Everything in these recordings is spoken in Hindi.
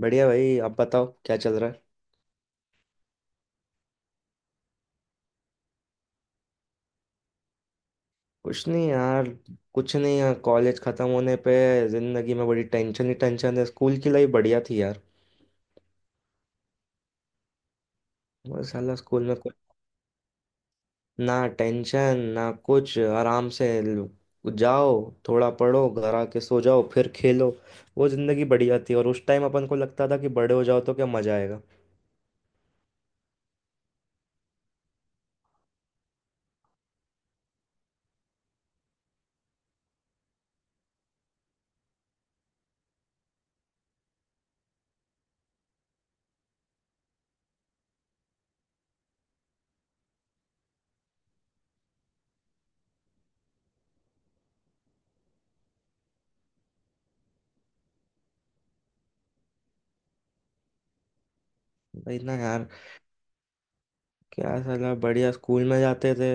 बढ़िया भाई। आप बताओ क्या चल रहा है। कुछ नहीं यार कुछ नहीं यार, कॉलेज खत्म होने पे जिंदगी में बड़ी टेंशन ही टेंशन है। स्कूल की लाइफ बढ़िया थी यार। वो साला स्कूल में कुछ ना टेंशन ना कुछ, आराम से जाओ, थोड़ा पढ़ो, घर आके सो जाओ, फिर खेलो। वो जिंदगी बढ़िया थी, और उस टाइम अपन को लगता था कि बड़े हो जाओ तो क्या मजा आएगा। भाई ना यार, क्या साला बढ़िया स्कूल में जाते थे।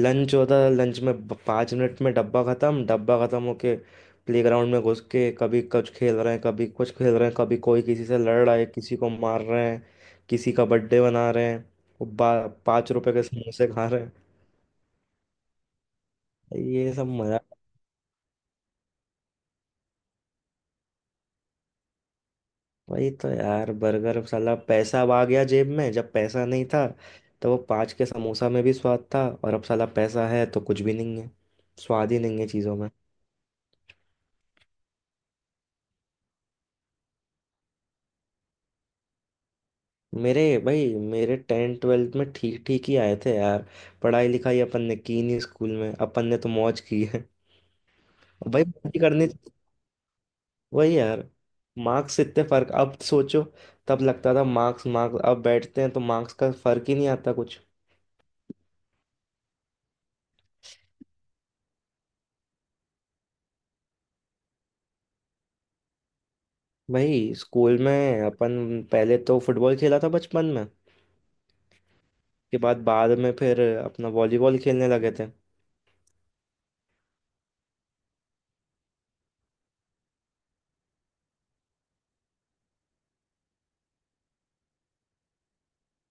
लंच होता था, लंच में 5 मिनट में डब्बा ख़त्म। डब्बा ख़त्म होके प्लेग्राउंड में घुस के कभी कुछ खेल रहे हैं, कभी कुछ खेल रहे हैं, कभी कोई किसी से लड़ रहा है, किसी को मार रहे हैं, किसी का बर्थडे मना रहे हैं, वो 5 रुपए के समोसे खा रहे हैं। ये सब मज़ा। वही तो यार, बर्गर साला। पैसा अब आ गया जेब में, जब पैसा नहीं था तो वो 5 के समोसा में भी स्वाद था, और अब साला पैसा है तो कुछ भी नहीं है। स्वाद ही नहीं है चीज़ों में। मेरे भाई, मेरे 10th 12th में ठीक ठीक ही आए थे यार। पढ़ाई लिखाई अपन ने की नहीं, स्कूल में अपन ने तो मौज की है। भाई, मौज ही करनी। वही यार। मार्क्स, इतने फर्क। अब सोचो, तब लगता था मार्क्स मार्क्स, अब बैठते हैं तो मार्क्स का फर्क ही नहीं आता कुछ। भाई स्कूल में अपन पहले तो फुटबॉल खेला था बचपन में, के बाद बाद में फिर अपना वॉलीबॉल खेलने लगे थे।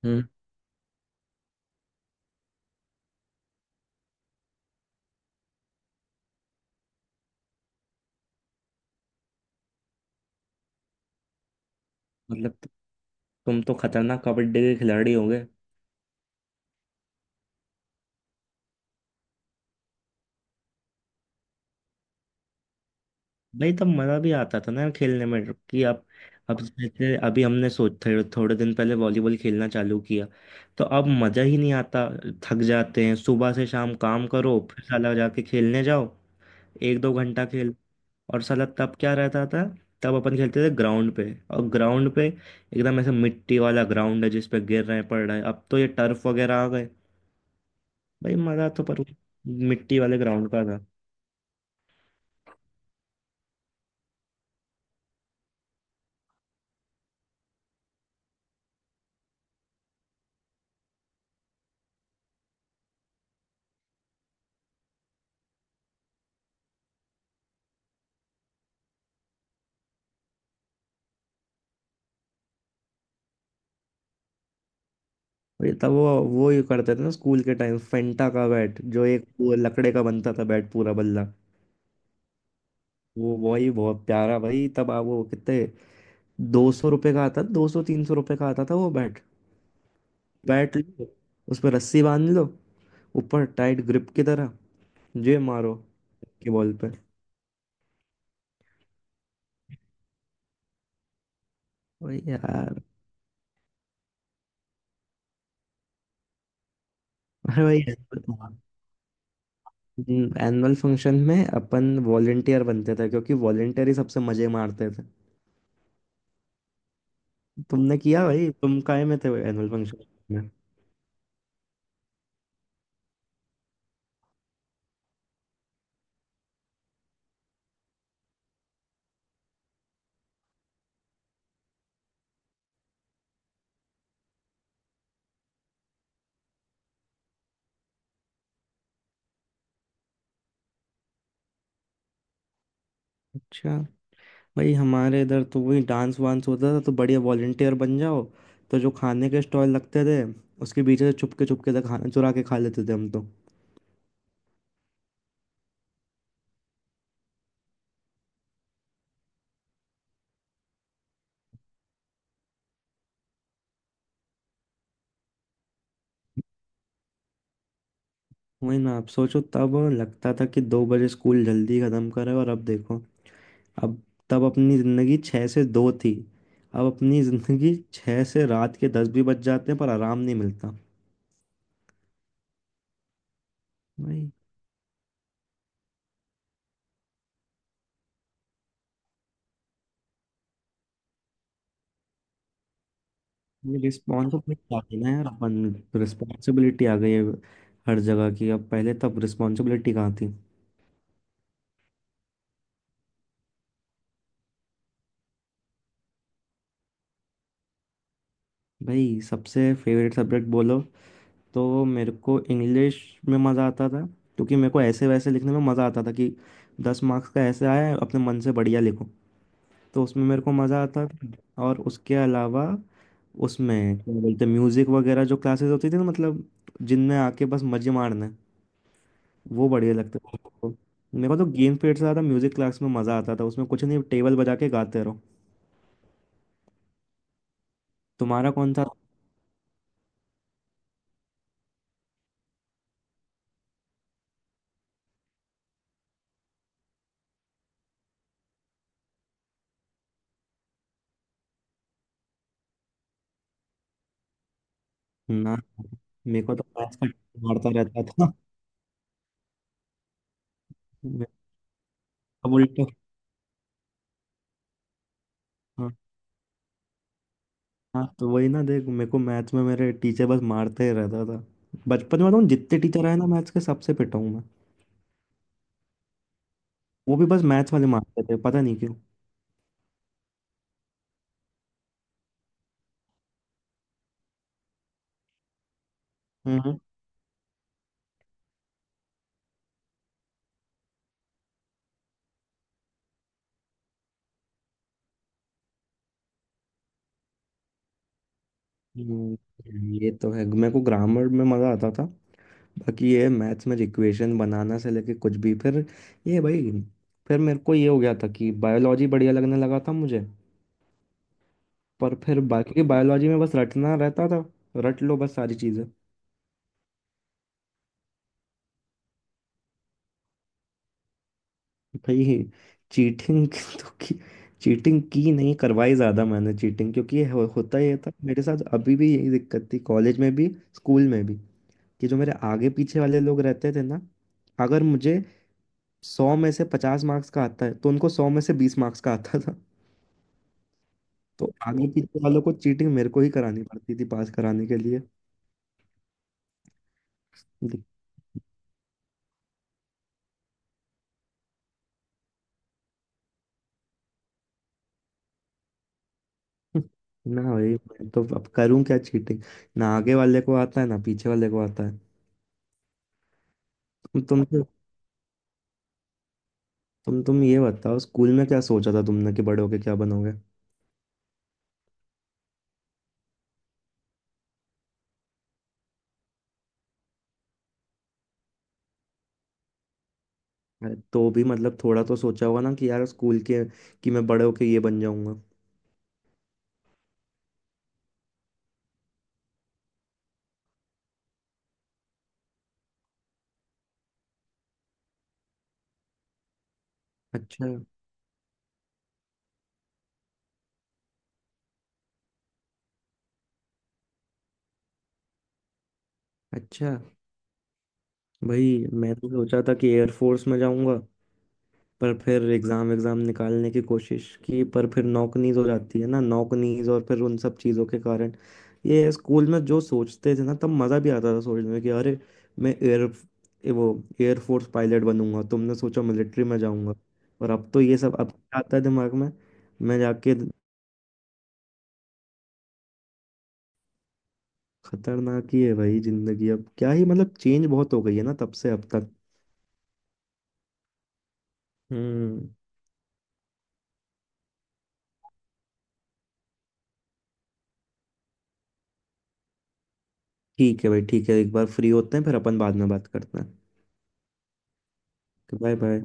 हम्म। मतलब तुम तो खतरनाक कबड्डी के खिलाड़ी होगे। भाई तब मजा भी आता था ना यार खेलने में, कि अब जैसे अभी हमने सोच थोड़े थोड़े दिन पहले वॉलीबॉल खेलना चालू किया तो अब मजा ही नहीं आता। थक जाते हैं, सुबह से शाम काम करो फिर साला जाके खेलने जाओ एक दो घंटा खेल। और साला तब क्या रहता था, तब अपन खेलते थे ग्राउंड पे, और ग्राउंड पे एकदम ऐसे मिट्टी वाला ग्राउंड है जिस पे गिर रहे हैं, पड़ रहे हैं। अब तो ये टर्फ वगैरह आ गए। भाई मजा तो पर मिट्टी वाले ग्राउंड का। ये तब वो ये करते थे ना स्कूल के टाइम, फेंटा का बैट जो एक वो लकड़े का बनता था बैट, पूरा बल्ला। वो वही बहुत प्यारा। भाई तब आप वो कितने, 200 रुपये का आता, 200 300 रुपये का आता था वो बैट। बैट लो, उस पर रस्सी बांध लो ऊपर टाइट ग्रिप की तरह, जे मारो की बॉल पे। वही यार। अरे भाई, एनुअल फंक्शन में अपन वॉलेंटियर बनते थे क्योंकि वॉलेंटियर ही सबसे मजे मारते थे। तुमने किया भाई? तुम काहे में थे एनुअल फंक्शन में? अच्छा। भाई हमारे इधर तो वही डांस वांस होता था, तो बढ़िया, वॉलेंटियर बन जाओ तो जो खाने के स्टॉल लगते थे उसके पीछे से छुपके छुपके से खाना चुरा के खा लेते थे हम तो। वही ना, आप सोचो तब लगता था कि 2 बजे स्कूल जल्दी ख़त्म करे, और अब देखो। अब, तब अपनी ज़िंदगी 6 से 2 थी, अब अपनी ज़िंदगी 6 से रात के 10 भी बज जाते हैं पर आराम नहीं मिलता। भाई ये रिस्पॉन्सिबिलिटी आ गई ना यार, अपन रिस्पॉन्सिबिलिटी आ गई है हर जगह की। अब पहले, तब रिस्पॉन्सिबिलिटी कहाँ थी। भाई सबसे फेवरेट सब्जेक्ट बोलो तो मेरे को इंग्लिश में मज़ा आता था, क्योंकि मेरे को ऐसे वैसे लिखने में मज़ा आता था कि 10 मार्क्स का ऐसे आया है, अपने मन से बढ़िया लिखो, तो उसमें मेरे को मज़ा आता था। और उसके अलावा उसमें क्या बोलते म्यूज़िक वगैरह जो क्लासेस होती थी ना, मतलब जिनमें आके बस मज़े मारने, वो बढ़िया लगते थे मेरे को। मेरे को तो गेम पीरियड से ज़्यादा म्यूज़िक क्लास में मज़ा आता था, उसमें कुछ नहीं टेबल बजा के गाते रहो। तुम्हारा कौन सा? ना, मेरे को तो मैथ्स का मारता रहता था। अब उल्टा। हाँ हाँ, तो वही ना देख, मेरे को मैथ्स में मेरे टीचर बस मारते ही रहता था। बचपन में बताऊँ, जितने टीचर आए ना मैथ्स के, सबसे पिटा हूँ मैं। वो भी बस मैथ्स वाले मारते थे, पता नहीं क्यों। हम्म हम्म, ये तो है, मेरे को ग्रामर में मज़ा आता था। बाकी ये मैथ्स में इक्वेशन बनाना से लेके कुछ भी फिर, ये भाई, फिर मेरे को ये हो गया था कि बायोलॉजी बढ़िया लगने लगा था मुझे। पर फिर बाकी बायोलॉजी में बस रटना रहता था, रट लो बस सारी चीज़ें। भाई चीटिंग तो की। चीटिंग की नहीं, करवाई ज़्यादा मैंने चीटिंग। क्योंकि ये होता ही था मेरे साथ, अभी भी यही दिक्कत थी कॉलेज में भी, स्कूल में भी, कि जो मेरे आगे पीछे वाले लोग रहते थे ना, अगर मुझे 100 में से 50 मार्क्स का आता है तो उनको 100 में से 20 मार्क्स का आता था। तो आगे पीछे वालों को चीटिंग मेरे को ही करानी पड़ती थी पास कराने के लिए। दिक- ना भाई मैं तो अब करूं क्या चीटिंग, ना आगे वाले को आता है ना पीछे वाले को आता है। तुम तुम ये बताओ स्कूल में क्या सोचा था तुमने कि बड़े होके क्या बनोगे। अरे तो भी मतलब थोड़ा तो सोचा होगा ना कि यार स्कूल के, कि मैं बड़े होके ये बन जाऊंगा। अच्छा। अच्छा भाई, मैं तो सोचा था कि एयरफोर्स में जाऊंगा, पर फिर एग्ज़ाम एग्ज़ाम निकालने की कोशिश की, पर फिर नौकनीज हो जाती है ना, नौकनीज और फिर उन सब चीज़ों के कारण, ये स्कूल में जो सोचते थे ना तब मज़ा भी आता था सोचने में, कि अरे मैं एयर वो एयरफोर्स पायलट बनूंगा, तुमने सोचा मिलिट्री में जाऊंगा। और अब तो ये सब, अब क्या आता है दिमाग में। मैं जाके, खतरनाक ही है भाई ज़िंदगी। अब क्या ही मतलब, चेंज बहुत हो गई है ना तब से अब तक। हम्म। ठीक है भाई, ठीक है, एक बार फ्री होते हैं फिर अपन बाद में बात करते हैं। Bye bye.